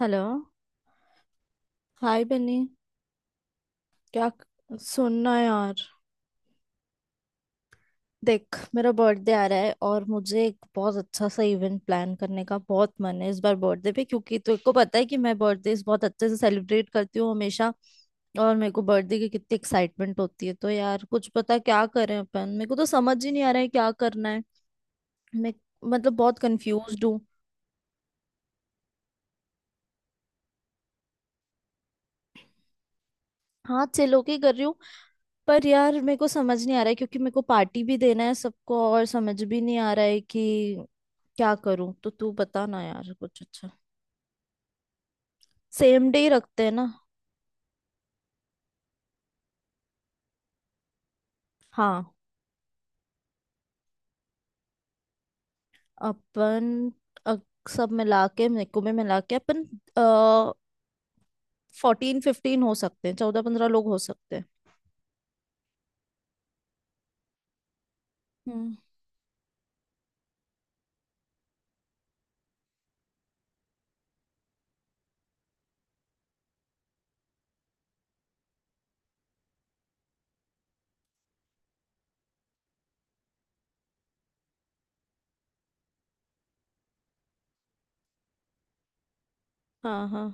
Hello. Hi बनी। क्या? सुनना यार, देख मेरा बर्थडे आ रहा है और मुझे एक बहुत अच्छा सा इवेंट प्लान करने का बहुत मन है इस बार बर्थडे पे, क्योंकि तुझे को पता है कि मैं बर्थडे बहुत अच्छे से सेलिब्रेट करती हूँ हमेशा। और मेरे को बर्थडे की कितनी एक्साइटमेंट होती है। तो यार कुछ पता क्या करें अपन, मेरे को तो समझ ही नहीं आ रहा है क्या करना है। मैं मतलब बहुत कंफ्यूज हूँ। हाँ, छह लोग ही कर रही हूँ। पर यार मेरे को समझ नहीं आ रहा है, क्योंकि मेरे को पार्टी भी देना है सबको और समझ भी नहीं आ रहा है कि क्या करूं। तो तू बता ना यार कुछ अच्छा। सेम डे ही रखते हैं ना। हाँ। अपन अ, सब मिला के मेको में मिला के अपन 14 15 हो सकते हैं, 14 15 लोग हो सकते हैं। हम्म। हाँ हाँ।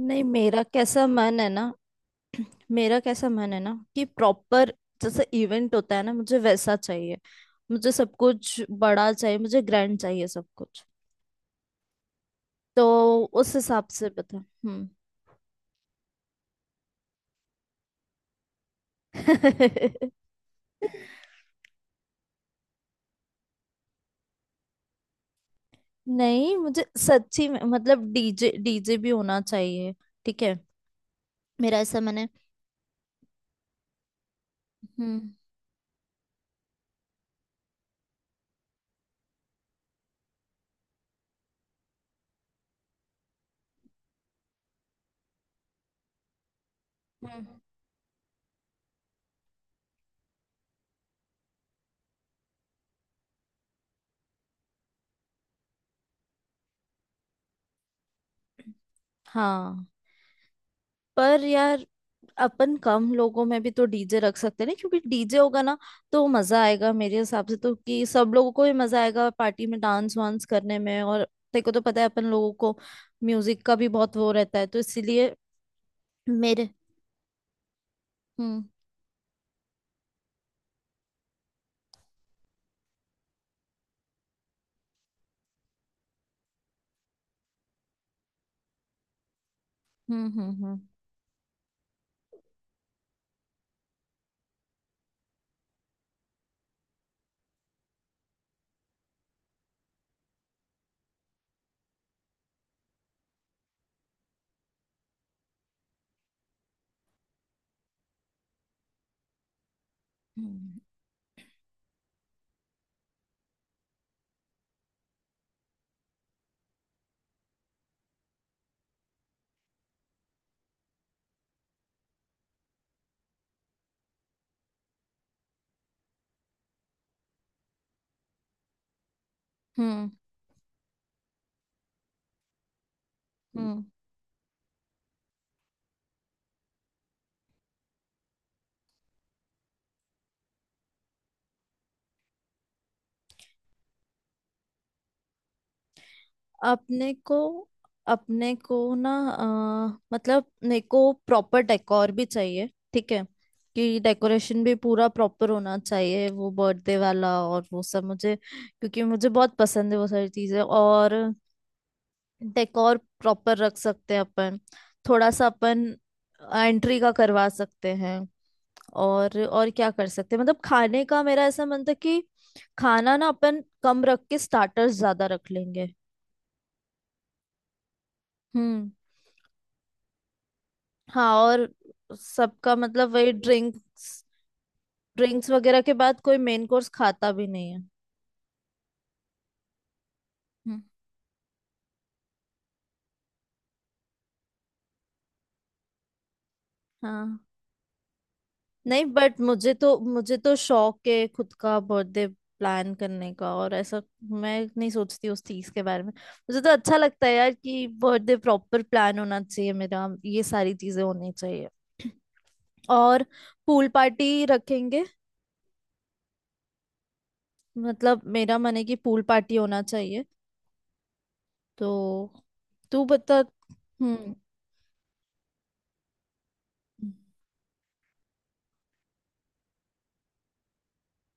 नहीं, मेरा कैसा मन है ना। मेरा कैसा मन है ना कि प्रॉपर, जैसे इवेंट होता है ना, मुझे वैसा चाहिए। मुझे सब कुछ बड़ा चाहिए, मुझे ग्रैंड चाहिए सब कुछ। तो उस हिसाब से बता। हम्म। नहीं, मुझे सच्ची में मतलब डीजे डीजे भी होना चाहिए। ठीक है। मेरा ऐसा मैंने। हम्म। हम्म। हाँ। पर यार अपन कम लोगों में भी तो डीजे रख सकते हैं ना, क्योंकि डीजे होगा ना तो मजा आएगा मेरे हिसाब से तो, कि सब लोगों को ही मजा आएगा पार्टी में डांस वांस करने में। और तेरे को तो पता है अपन लोगों को म्यूजिक का भी बहुत वो रहता है, तो इसीलिए मेरे हम्म। हम्म। हम्म। हम्म। हम्म। हम्म। हम्म। अपने को अपने को ना, मतलब मेरे को प्रॉपर डेकोर भी चाहिए। ठीक है, कि डेकोरेशन भी पूरा प्रॉपर होना चाहिए, वो बर्थडे वाला और वो सब मुझे, क्योंकि मुझे बहुत पसंद है वो सारी चीजें। और डेकोर प्रॉपर रख सकते हैं अपन, थोड़ा सा अपन एंट्री का करवा सकते हैं। और क्या कर सकते हैं, मतलब खाने का मेरा ऐसा मन था कि खाना ना अपन कम रख के स्टार्टर्स ज्यादा रख लेंगे। हम्म। हाँ, और सबका मतलब वही ड्रिंक्स, ड्रिंक्स वगैरह के बाद कोई मेन कोर्स खाता भी नहीं है। हम्म। हाँ। नहीं, बट मुझे तो शौक है खुद का बर्थडे प्लान करने का, और ऐसा मैं नहीं सोचती उस चीज के बारे में। मुझे तो अच्छा लगता है यार कि बर्थडे प्रॉपर प्लान होना चाहिए मेरा, ये सारी चीजें होनी चाहिए। और पूल पार्टी रखेंगे, मतलब मेरा मन है कि पूल पार्टी होना चाहिए। तो तू बता। हम्म।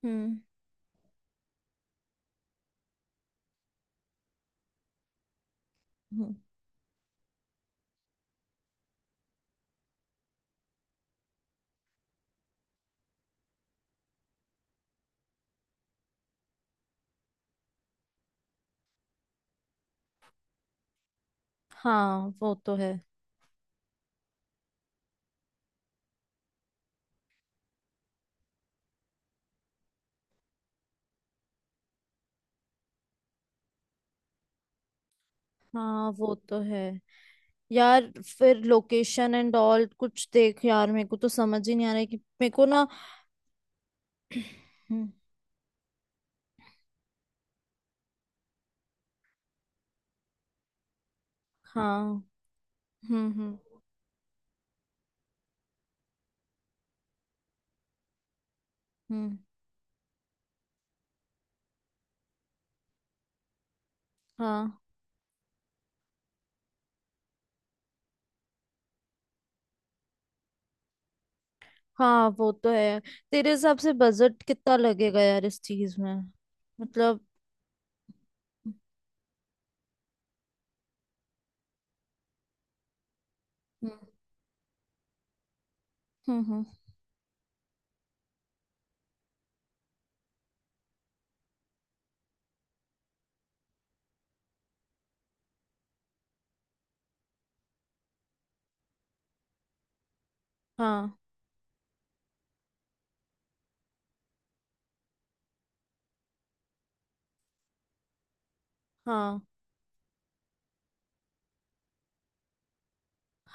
हम्म। हम्म। हाँ वो तो है। हाँ वो तो है। यार फिर लोकेशन एंड ऑल कुछ देख यार, मेरे को तो समझ ही नहीं आ रहा है कि मेरे को ना। हम्म। हाँ। हम्म। हम्म। हम्म। हाँ। हाँ वो तो है। तेरे हिसाब से बजट कितना लगेगा यार इस चीज में? मतलब। हम्म। हम्म। हम्म। हाँ। हाँ।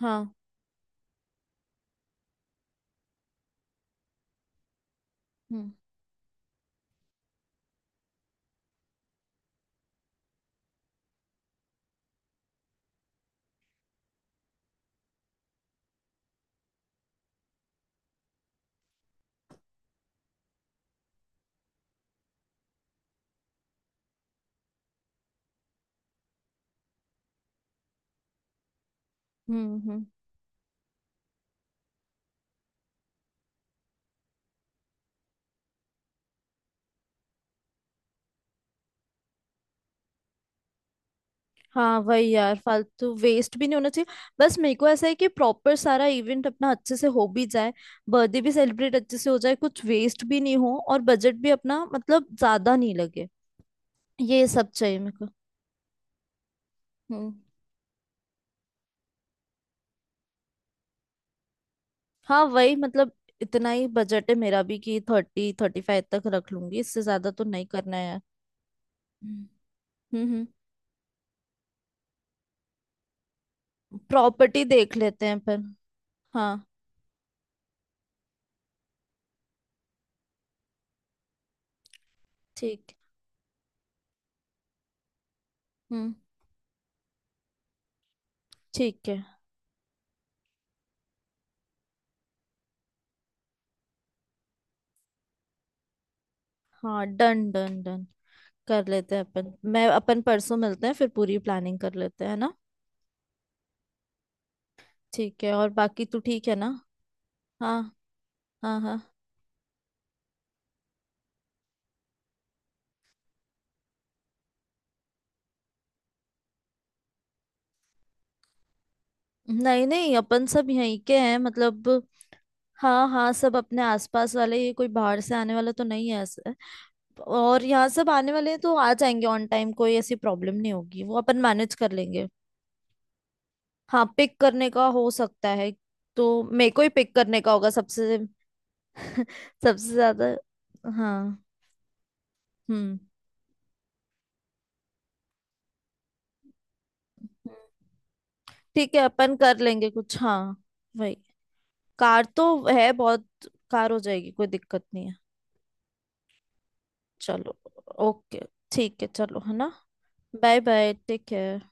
हाँ। हम्म। हम्म। हम्म। हाँ वही यार, फालतू वेस्ट भी नहीं होना चाहिए। बस मेरे को ऐसा है कि प्रॉपर सारा इवेंट अपना अच्छे से हो भी जाए, बर्थडे भी सेलिब्रेट अच्छे से हो जाए, कुछ वेस्ट भी नहीं हो और बजट भी अपना मतलब ज्यादा नहीं लगे। ये सब चाहिए मेरे को। हम्म। हाँ वही मतलब, इतना ही बजट है मेरा भी कि 30 35 तक रख लूंगी, इससे ज्यादा तो नहीं करना है यार। हम्म। हम्म। प्रॉपर्टी देख लेते हैं पर। हाँ। ठीक। हम्म। ठीक है। हाँ डन डन डन, कर लेते हैं अपन। मैं अपन परसों मिलते हैं फिर, पूरी प्लानिंग कर लेते हैं ना। ठीक है, और बाकी तू ठीक है ना? हाँ। हाँ हाँ। नहीं नहीं, अपन सब यहीं के हैं मतलब। हाँ हाँ, सब अपने आसपास वाले, ये कोई बाहर से आने वाला तो नहीं है ऐसे। और यहाँ सब आने वाले हैं तो आ जाएंगे ऑन टाइम, कोई ऐसी प्रॉब्लम नहीं होगी, वो अपन मैनेज कर लेंगे। हाँ पिक करने का हो सकता है, तो मेरे को ही पिक करने का होगा सबसे, सबसे ज्यादा। हाँ। हम्म। ठीक है, अपन कर लेंगे कुछ। हाँ वही, कार तो है बहुत, कार हो जाएगी, कोई दिक्कत नहीं है। चलो। ओके। ठीक है चलो, है ना। बाय। Bye take care.